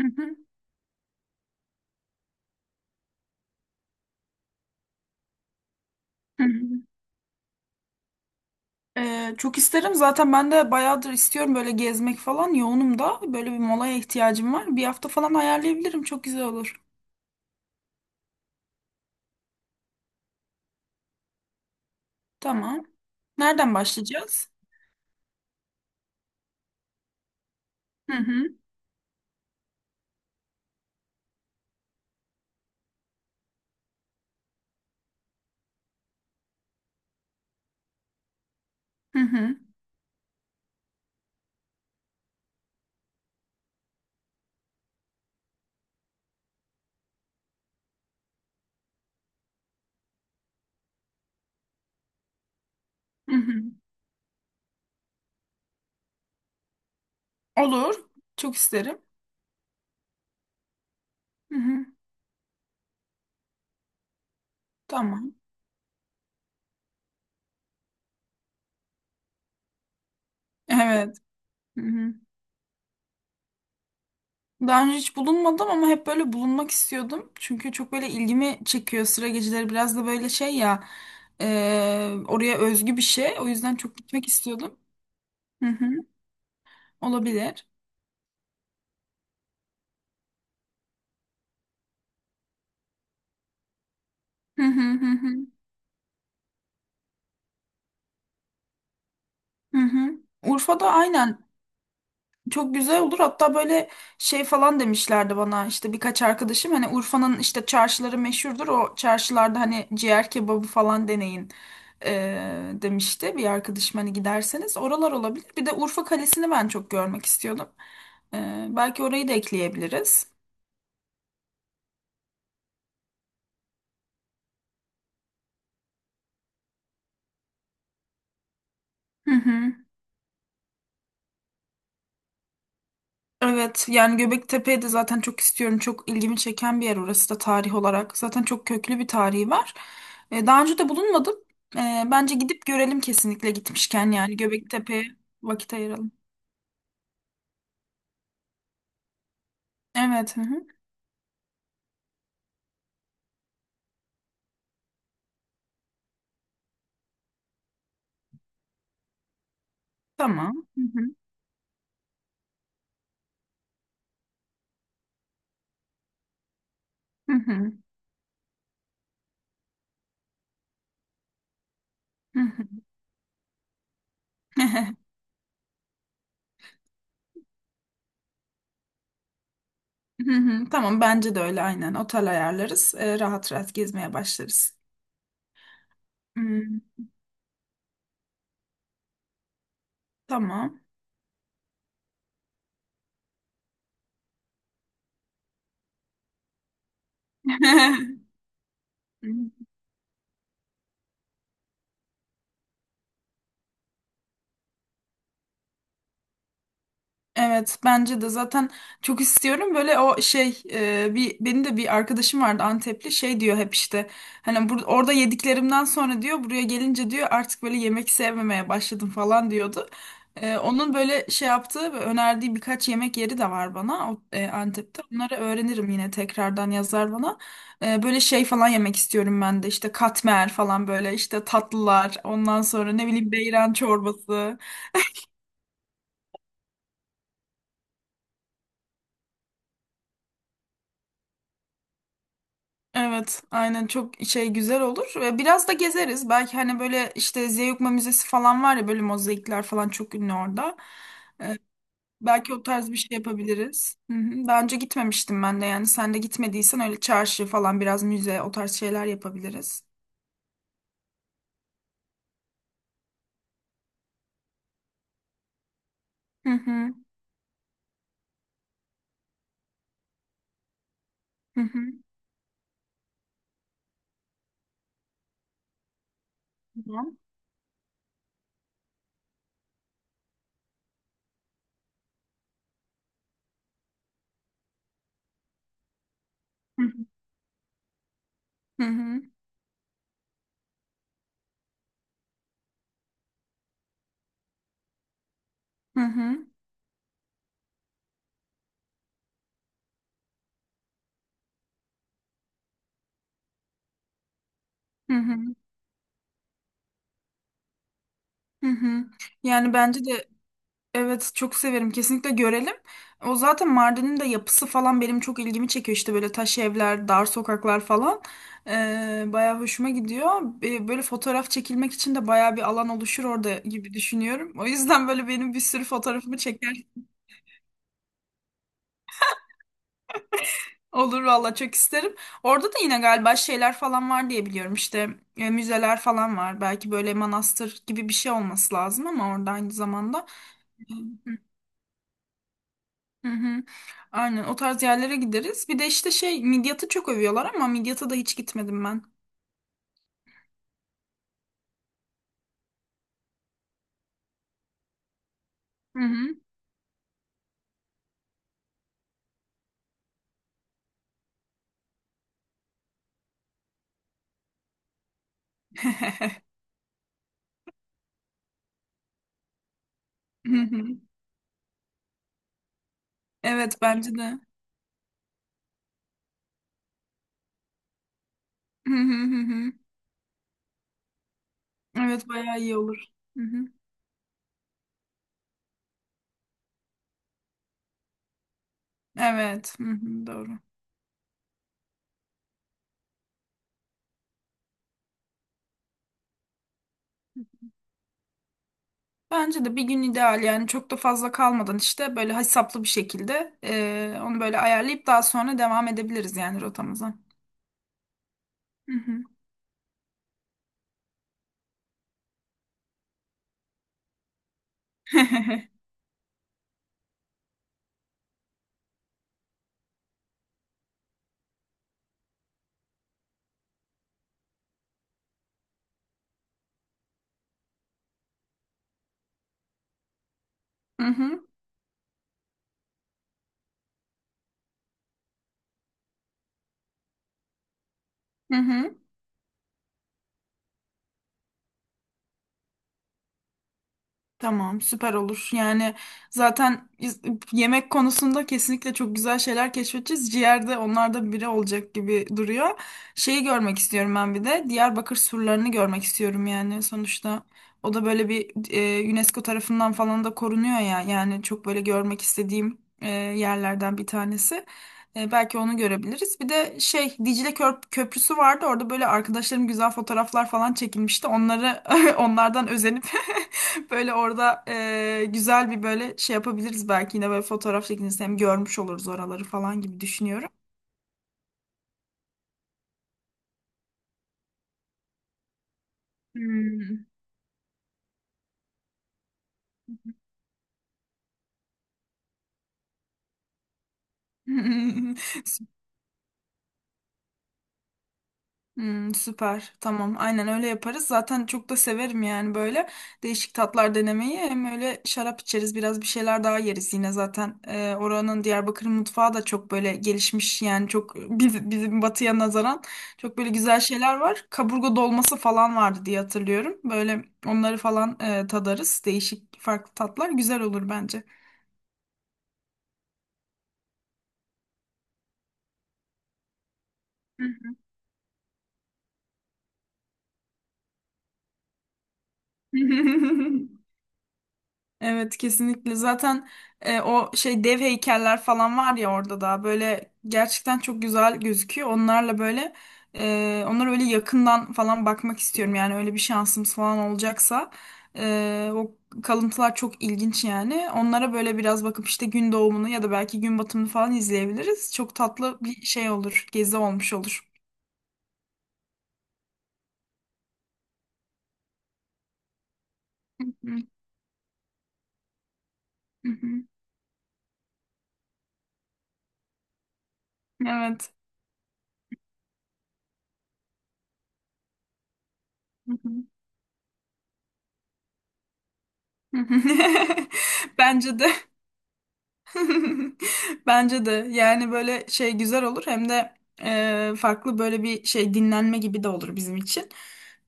Hı hı, hı hı. Çok isterim. Zaten ben de bayağıdır istiyorum böyle gezmek falan. Yoğunum da. Böyle bir molaya ihtiyacım var. Bir hafta falan ayarlayabilirim. Çok güzel olur. Tamam. Nereden başlayacağız? Hı hı, hı hı, hı hı. Olur. Çok isterim. Hı hı. Tamam. Evet. Hı hı. Daha önce hiç bulunmadım ama hep böyle bulunmak istiyordum. Çünkü çok böyle ilgimi çekiyor sıra geceleri. Biraz da böyle şey ya oraya özgü bir şey. O yüzden çok gitmek istiyordum. Hı hı. Olabilir. Hı hı hı hı. Hı hı. Urfa'da aynen çok güzel olur. Hatta böyle şey falan demişlerdi bana işte birkaç arkadaşım hani Urfa'nın işte çarşıları meşhurdur. O çarşılarda hani ciğer kebabı falan deneyin demişti bir arkadaşım hani giderseniz oralar olabilir. Bir de Urfa Kalesi'ni ben çok görmek istiyordum. Belki orayı da ekleyebiliriz. Hı hı. Evet yani Göbektepe'yi de zaten çok istiyorum. Çok ilgimi çeken bir yer orası da tarih olarak. Zaten çok köklü bir tarihi var. Daha önce de bulunmadım. Bence gidip görelim, kesinlikle gitmişken yani Göbektepe'ye vakit ayıralım. Evet. Hı hı. Tamam. Hı hı. Hı hı. Hı hı. Hı hı. Tamam, bence de öyle aynen. Otel ayarlarız. Rahat rahat gezmeye başlarız. Hmm, tamam. Evet, bence de zaten çok istiyorum böyle o şey bir benim de bir arkadaşım vardı Antepli, şey diyor hep işte hani orada yediklerimden sonra diyor buraya gelince diyor artık böyle yemek sevmemeye başladım falan diyordu. E, onun böyle şey yaptığı ve önerdiği birkaç yemek yeri de var bana Antep'te onları öğrenirim, yine tekrardan yazar bana. E, böyle şey falan yemek istiyorum ben de işte katmer falan, böyle işte tatlılar, ondan sonra ne bileyim beyran çorbası. Evet, aynen çok şey güzel olur ve biraz da gezeriz. Belki hani böyle işte Zeugma Müzesi falan var ya, böyle mozaikler falan çok ünlü orada. Belki o tarz bir şey yapabiliriz. Hı hı. Daha önce gitmemiştim ben de, yani sen de gitmediysen öyle çarşı falan, biraz müze, o tarz şeyler yapabiliriz. Hı hı hı hı. Tamam. Hı hı hı hı hı hı hı hı. Yani bence de evet, çok severim, kesinlikle görelim. O zaten Mardin'in de yapısı falan benim çok ilgimi çekiyor işte böyle taş evler, dar sokaklar falan. Bayağı hoşuma gidiyor. Böyle fotoğraf çekilmek için de bayağı bir alan oluşur orada gibi düşünüyorum. O yüzden böyle benim bir sürü fotoğrafımı çeker. Olur valla, çok isterim. Orada da yine galiba şeyler falan var diye biliyorum işte müzeler falan var. Belki böyle manastır gibi bir şey olması lazım ama orada aynı zamanda. Hı hı. Aynen, o tarz yerlere gideriz. Bir de işte şey Midyat'ı çok övüyorlar ama Midyat'a da hiç gitmedim ben. Hı hı. Hı hı. Evet, bence de. Hı hı hı hı. Evet, bayağı iyi olur. Hı hı. Evet, hı hı, doğru. Bence de bir gün ideal, yani çok da fazla kalmadan işte böyle hesaplı bir şekilde onu böyle ayarlayıp daha sonra devam edebiliriz yani rotamıza. Hı hı. Hı hı. Hı hı. Tamam, süper olur. Yani zaten yemek konusunda kesinlikle çok güzel şeyler keşfedeceğiz. Ciğer de onlarda biri olacak gibi duruyor. Şeyi görmek istiyorum ben bir de. Diyarbakır surlarını görmek istiyorum yani sonuçta. O da böyle bir UNESCO tarafından falan da korunuyor ya. Yani çok böyle görmek istediğim yerlerden bir tanesi. E, belki onu görebiliriz. Bir de şey Dicle Köprüsü vardı. Orada böyle arkadaşlarım güzel fotoğraflar falan çekilmişti. Onları onlardan özenip böyle orada güzel bir böyle şey yapabiliriz belki, yine böyle fotoğraf çekilirse hem görmüş oluruz oraları falan gibi düşünüyorum. Hmm. Hmm, süper. Tamam. Aynen öyle yaparız. Zaten çok da severim yani böyle değişik tatlar denemeyi. Hem öyle şarap içeriz, biraz bir şeyler daha yeriz yine zaten. Oranın Diyarbakır mutfağı da çok böyle gelişmiş yani çok bizim batıya nazaran çok böyle güzel şeyler var. Kaburga dolması falan vardı diye hatırlıyorum. Böyle onları falan tadarız. Değişik farklı tatlar güzel olur bence. Evet, kesinlikle zaten o şey dev heykeller falan var ya, orada da böyle gerçekten çok güzel gözüküyor. Onlarla böyle onlara öyle yakından falan bakmak istiyorum yani, öyle bir şansımız falan olacaksa. O kalıntılar çok ilginç yani. Onlara böyle biraz bakıp işte gün doğumunu ya da belki gün batımını falan izleyebiliriz. Çok tatlı bir şey olur, gezi olmuş olur. Hı hı, hı hı. Evet. Hı hı. Bence de. Bence de yani böyle şey güzel olur, hem de farklı böyle bir şey, dinlenme gibi de olur bizim için.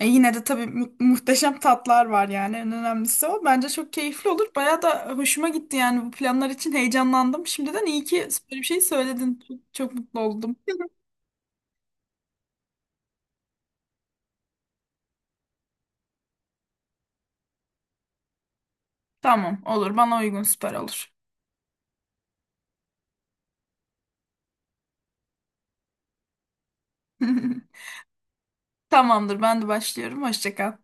E, yine de tabii muhteşem tatlar var yani, en önemlisi o. Bence çok keyifli olur. Bayağı da hoşuma gitti yani, bu planlar için heyecanlandım. Şimdiden iyi ki böyle bir şey söyledin. Çok, çok mutlu oldum. Tamam, olur bana uygun, süper olur. Tamamdır, ben de başlıyorum. Hoşça kal.